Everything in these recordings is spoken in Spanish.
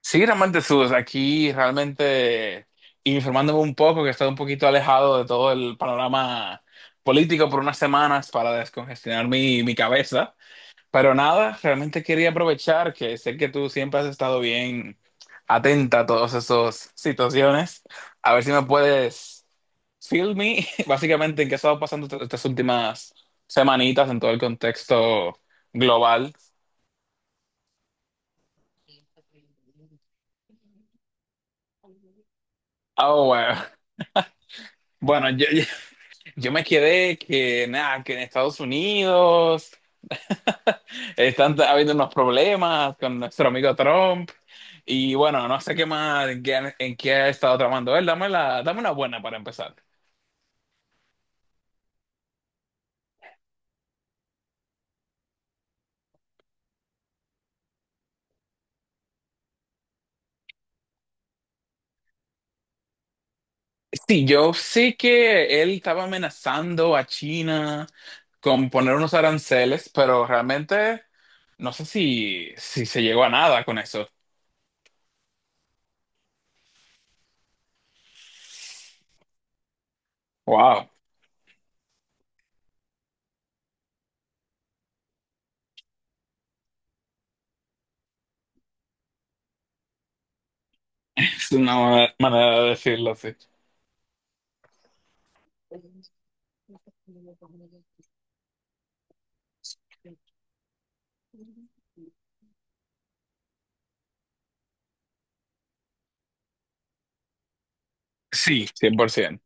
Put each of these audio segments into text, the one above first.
Sí, realmente Sus, aquí realmente informándome un poco, que he estado un poquito alejado de todo el panorama político por unas semanas para descongestionar mi cabeza. Pero nada, realmente quería aprovechar que sé que tú siempre has estado bien atenta a todas esas situaciones. A ver si me puedes fill me, básicamente, en qué ha estado pasando estas últimas semanitas en todo el contexto global. Ah, bueno. Bueno, yo me quedé que, nada, que en Estados Unidos están habiendo unos problemas con nuestro amigo Trump. Y bueno, no sé qué más, en qué ha estado tramando él. Dame una buena para empezar. Sí, yo sé que él estaba amenazando a China con poner unos aranceles, pero realmente no sé si se llegó a nada con eso. Wow, es una manera de decirlo así. Sí, 100%.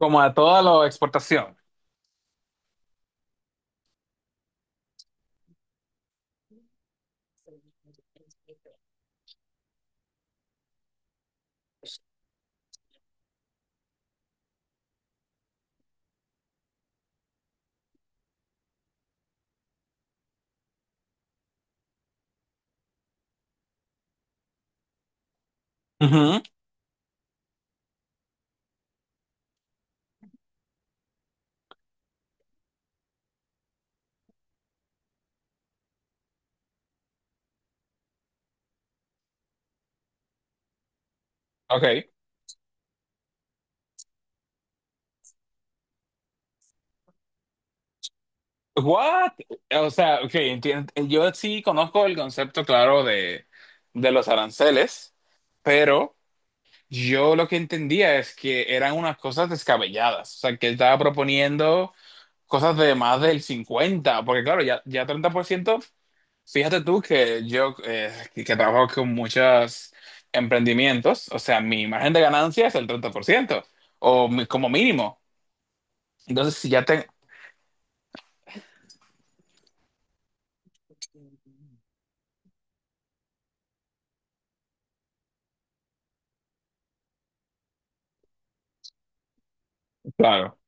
Como a toda la exportación. Ujú. Okay. What? O sea, okay, yo sí conozco el concepto claro de los aranceles, pero yo lo que entendía es que eran unas cosas descabelladas. O sea, que él estaba proponiendo cosas de más del 50, porque claro, ya 30%, fíjate tú que yo que trabajo con muchos emprendimientos, o sea, mi margen de ganancia es el 30% o como mínimo. Entonces, si ya tengo... Claro.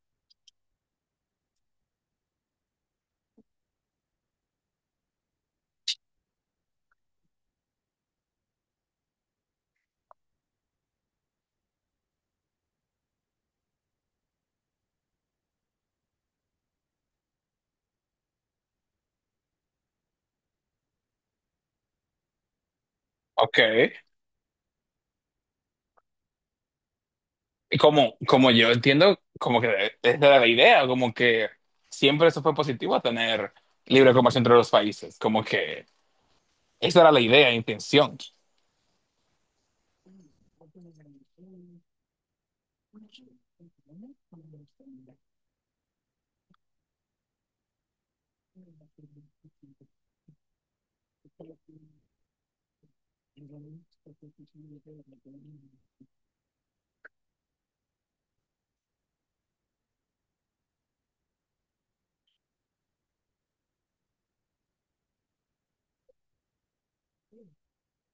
Ok. Y como yo entiendo, como que esa era la idea, como que siempre eso fue positivo, tener libre comercio entre los países, como que esa era la idea, la intención.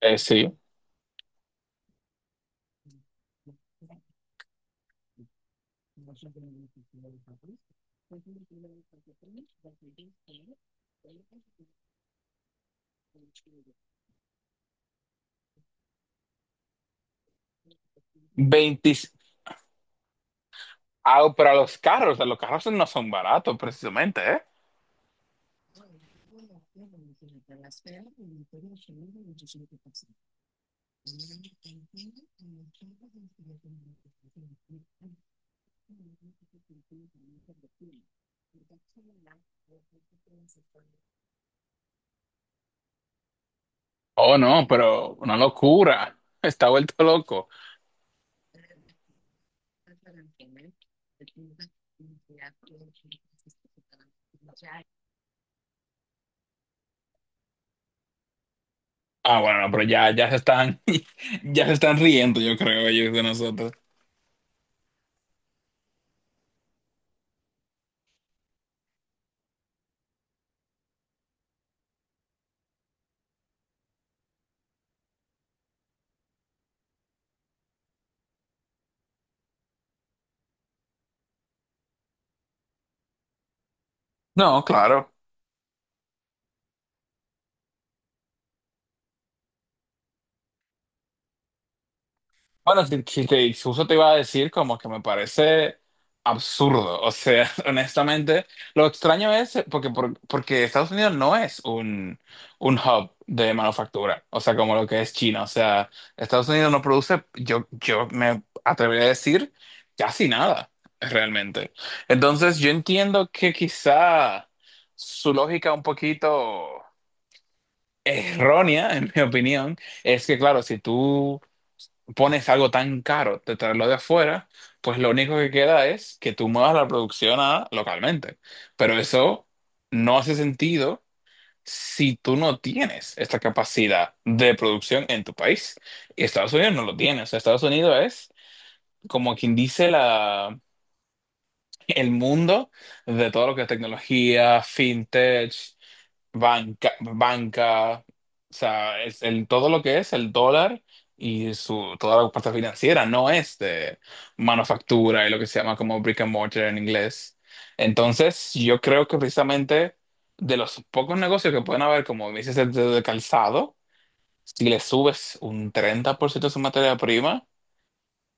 Sí, 20, ah, pero los carros no son baratos precisamente, ¿eh? Oh, no, pero una locura, está vuelto loco. Ah, bueno, no, pero ya se están, ya se están riendo, yo creo, ellos de nosotros. No, claro. Bueno, si te justo te iba a decir como que me parece absurdo. O sea, honestamente, lo extraño es porque, porque Estados Unidos no es un hub de manufactura, o sea, como lo que es China. O sea, Estados Unidos no produce, yo me atrevería a decir, casi nada, realmente. Entonces, yo entiendo que quizá su lógica un poquito errónea, en mi opinión, es que, claro, si tú pones algo tan caro de traerlo de afuera, pues lo único que queda es que tú muevas la producción a localmente. Pero eso no hace sentido si tú no tienes esta capacidad de producción en tu país. Y Estados Unidos no lo tiene. O sea, Estados Unidos es como quien dice el mundo de todo lo que es tecnología, fintech banca, o sea, es el, todo lo que es el dólar y su, toda la parte financiera, no es de manufactura y lo que se llama como brick and mortar en inglés. Entonces, yo creo que precisamente de los pocos negocios que pueden haber, como me dices, de calzado, si le subes un 30% de su materia prima,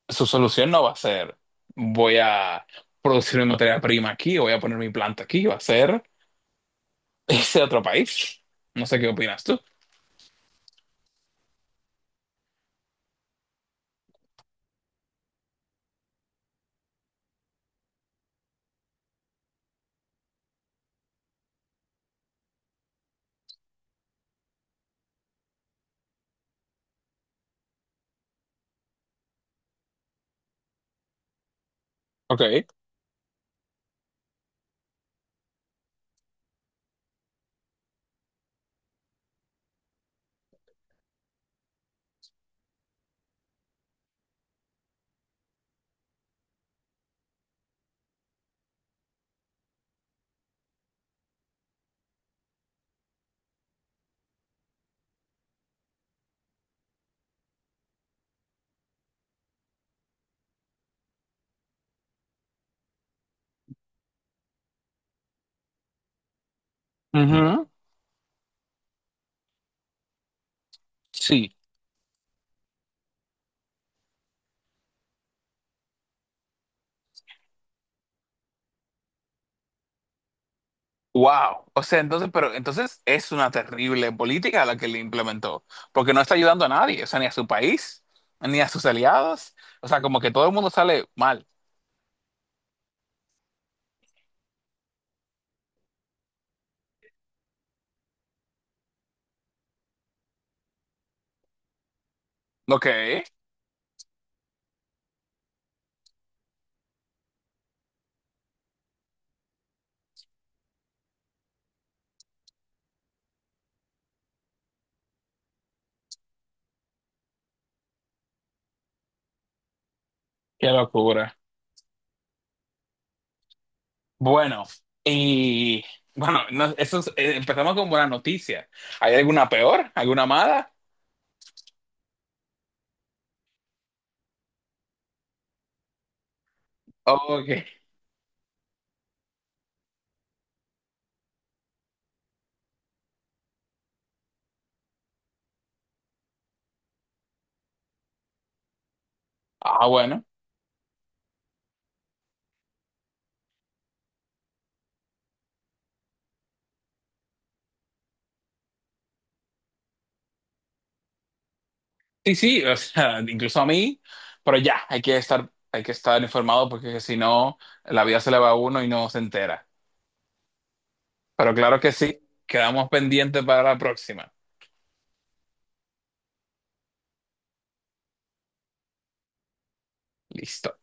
su solución no va a ser, voy a producir mi materia prima aquí, voy a poner mi planta aquí, va a ser irse a otro país. No sé qué opinas tú. Ok. Ujú. Sí. Wow. O sea, entonces, pero entonces es una terrible política la que le implementó, porque no está ayudando a nadie, o sea, ni a su país, ni a sus aliados. O sea, como que todo el mundo sale mal. Ok. Qué locura. Bueno, y bueno, empezamos con buena noticia. ¿Hay alguna peor? ¿Alguna mala? Ok. Ah, bueno. Sí, sí, o sea, incluso a mí, pero ya, hay que estar informado porque si no, la vida se le va a uno y no se entera. Pero claro que sí, quedamos pendientes para la próxima. Listo.